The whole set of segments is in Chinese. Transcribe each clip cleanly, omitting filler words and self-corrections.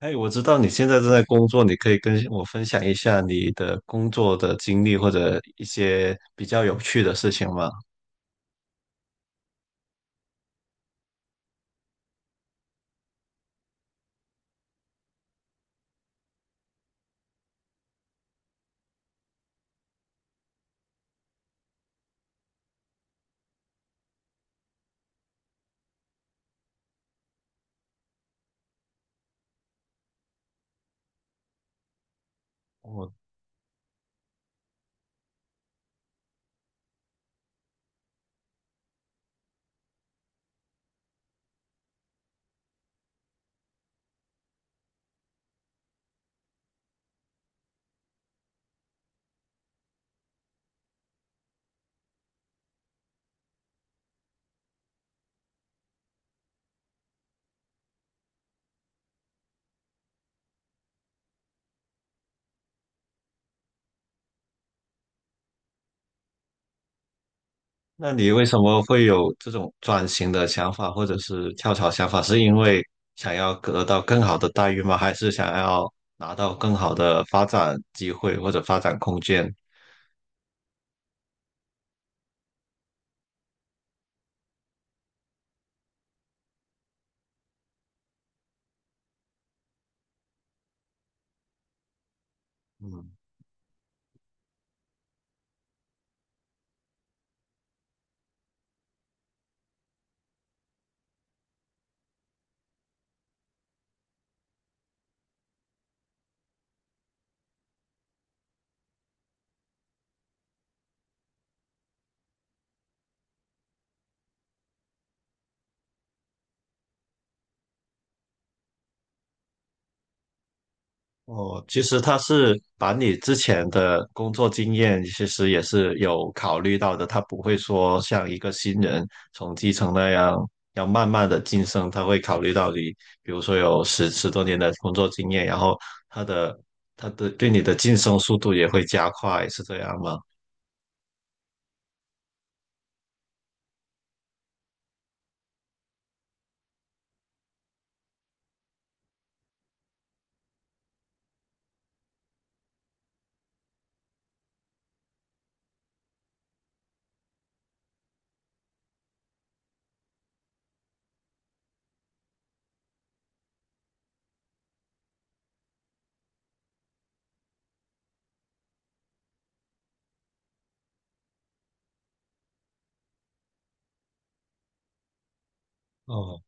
哎，我知道你现在正在工作，你可以跟我分享一下你的工作的经历或者一些比较有趣的事情吗？我，那你为什么会有这种转型的想法或者是跳槽想法？是因为想要得到更好的待遇吗？还是想要拿到更好的发展机会或者发展空间？嗯。哦，其实他是把你之前的工作经验，其实也是有考虑到的。他不会说像一个新人从基层那样要慢慢的晋升，他会考虑到你，比如说有十多年的工作经验，然后他的他的对你的晋升速度也会加快，是这样吗？哦，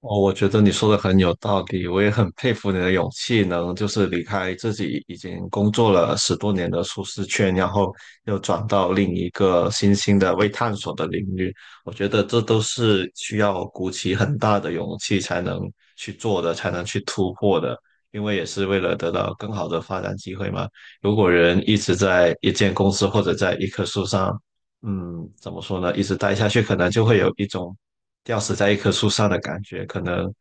哦，我觉得你说的很有道理，我也很佩服你的勇气，能就是离开自己已经工作了十多年的舒适圈，然后又转到另一个新兴的未探索的领域。我觉得这都是需要鼓起很大的勇气才能去做的，才能去突破的，因为也是为了得到更好的发展机会嘛。如果人一直在一间公司或者在一棵树上，嗯，怎么说呢？一直待下去，可能就会有一种吊死在一棵树上的感觉，可能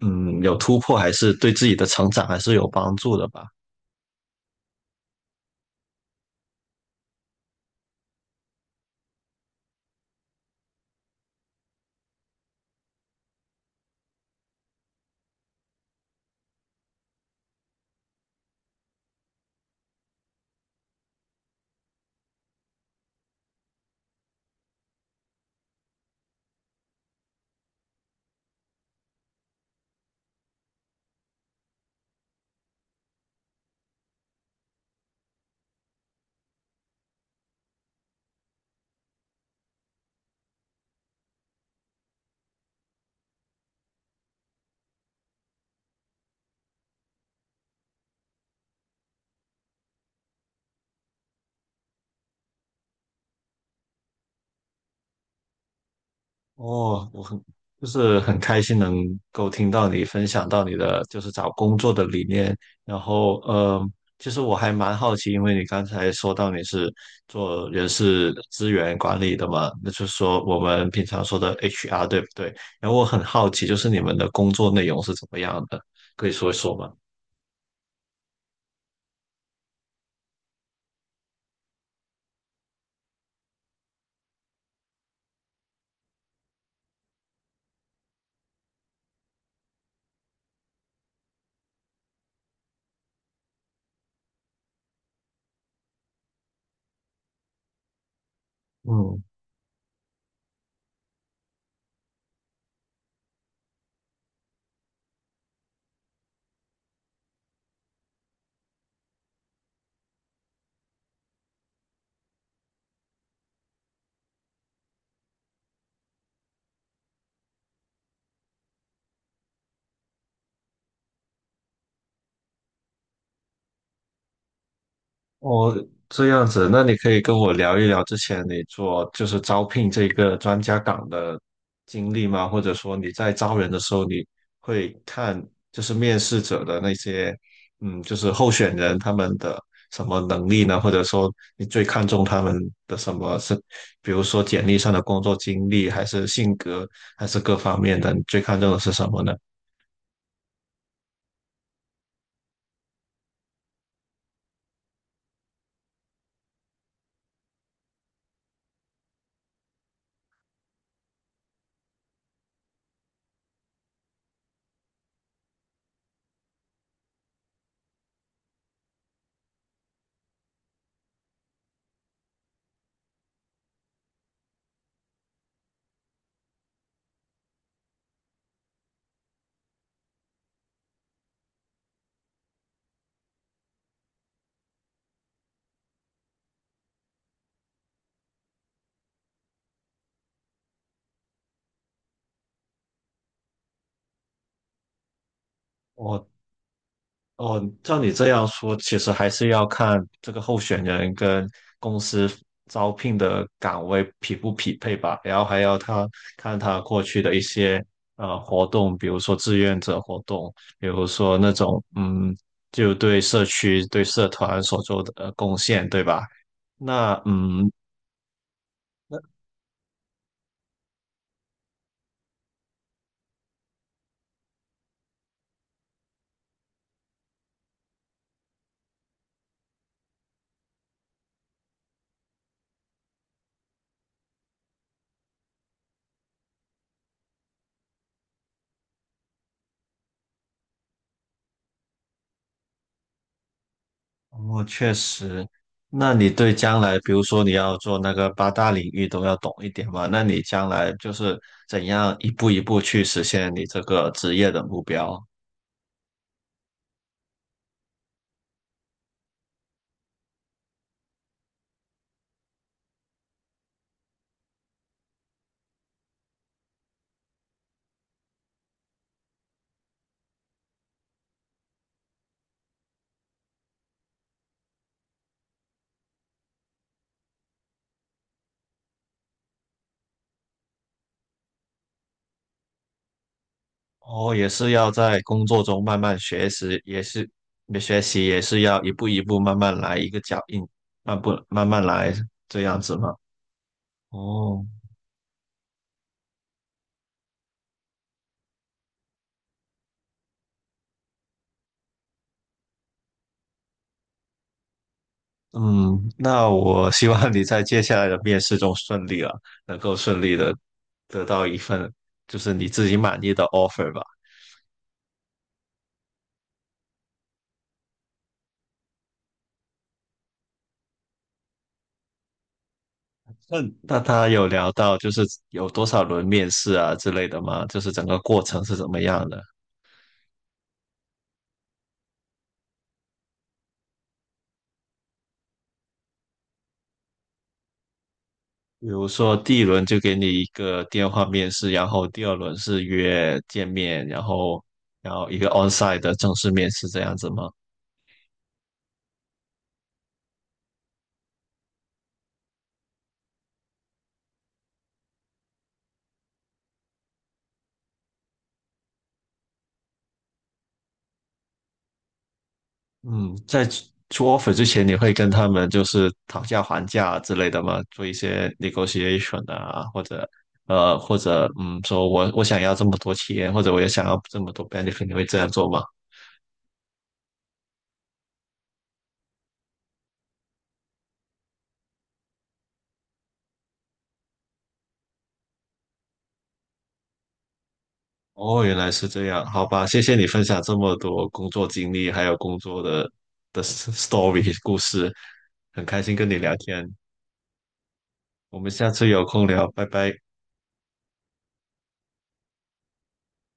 有突破，还是对自己的成长还是有帮助的吧。哦，我很就是很开心能够听到你分享到你的就是找工作的理念，然后其实我还蛮好奇，因为你刚才说到你是做人事资源管理的嘛，那就是说我们平常说的 HR 对不对？然后我很好奇，就是你们的工作内容是怎么样的，可以说一说吗？嗯。哦，这样子，那你可以跟我聊一聊之前你做就是招聘这个专家岗的经历吗？或者说你在招人的时候，你会看就是面试者的那些，就是候选人他们的什么能力呢？或者说你最看重他们的什么是，比如说简历上的工作经历，还是性格，还是各方面的，你最看重的是什么呢？我。哦，照你这样说，其实还是要看这个候选人跟公司招聘的岗位匹不匹配吧，然后还要他看他过去的一些活动，比如说志愿者活动，比如说那种就对社区、对社团所做的贡献，对吧？那嗯，哦，确实。那你对将来，比如说你要做那个八大领域都要懂一点嘛？那你将来就是怎样一步一步去实现你这个职业的目标？哦，也是要在工作中慢慢学习，也是学习，也是要一步一步慢慢来，一个脚印，慢步慢慢来这样子嘛？哦，嗯，那我希望你在接下来的面试中顺利了，能够顺利的得到一份就是你自己满意的 offer 吧。那那他有聊到就是有多少轮面试啊之类的吗？就是整个过程是怎么样的？比如说第一轮就给你一个电话面试，然后第二轮是约见面，然后一个 onsite 的正式面试这样子吗？嗯，在出 offer 之前，你会跟他们就是讨价还价之类的吗？做一些 negotiation 啊，或者说我想要这么多钱，或者我也想要这么多 benefit，你会这样做吗？哦，原来是这样，好吧，谢谢你分享这么多工作经历，还有工作的 story 故事，很开心跟你聊天，我们下次有空聊，拜拜。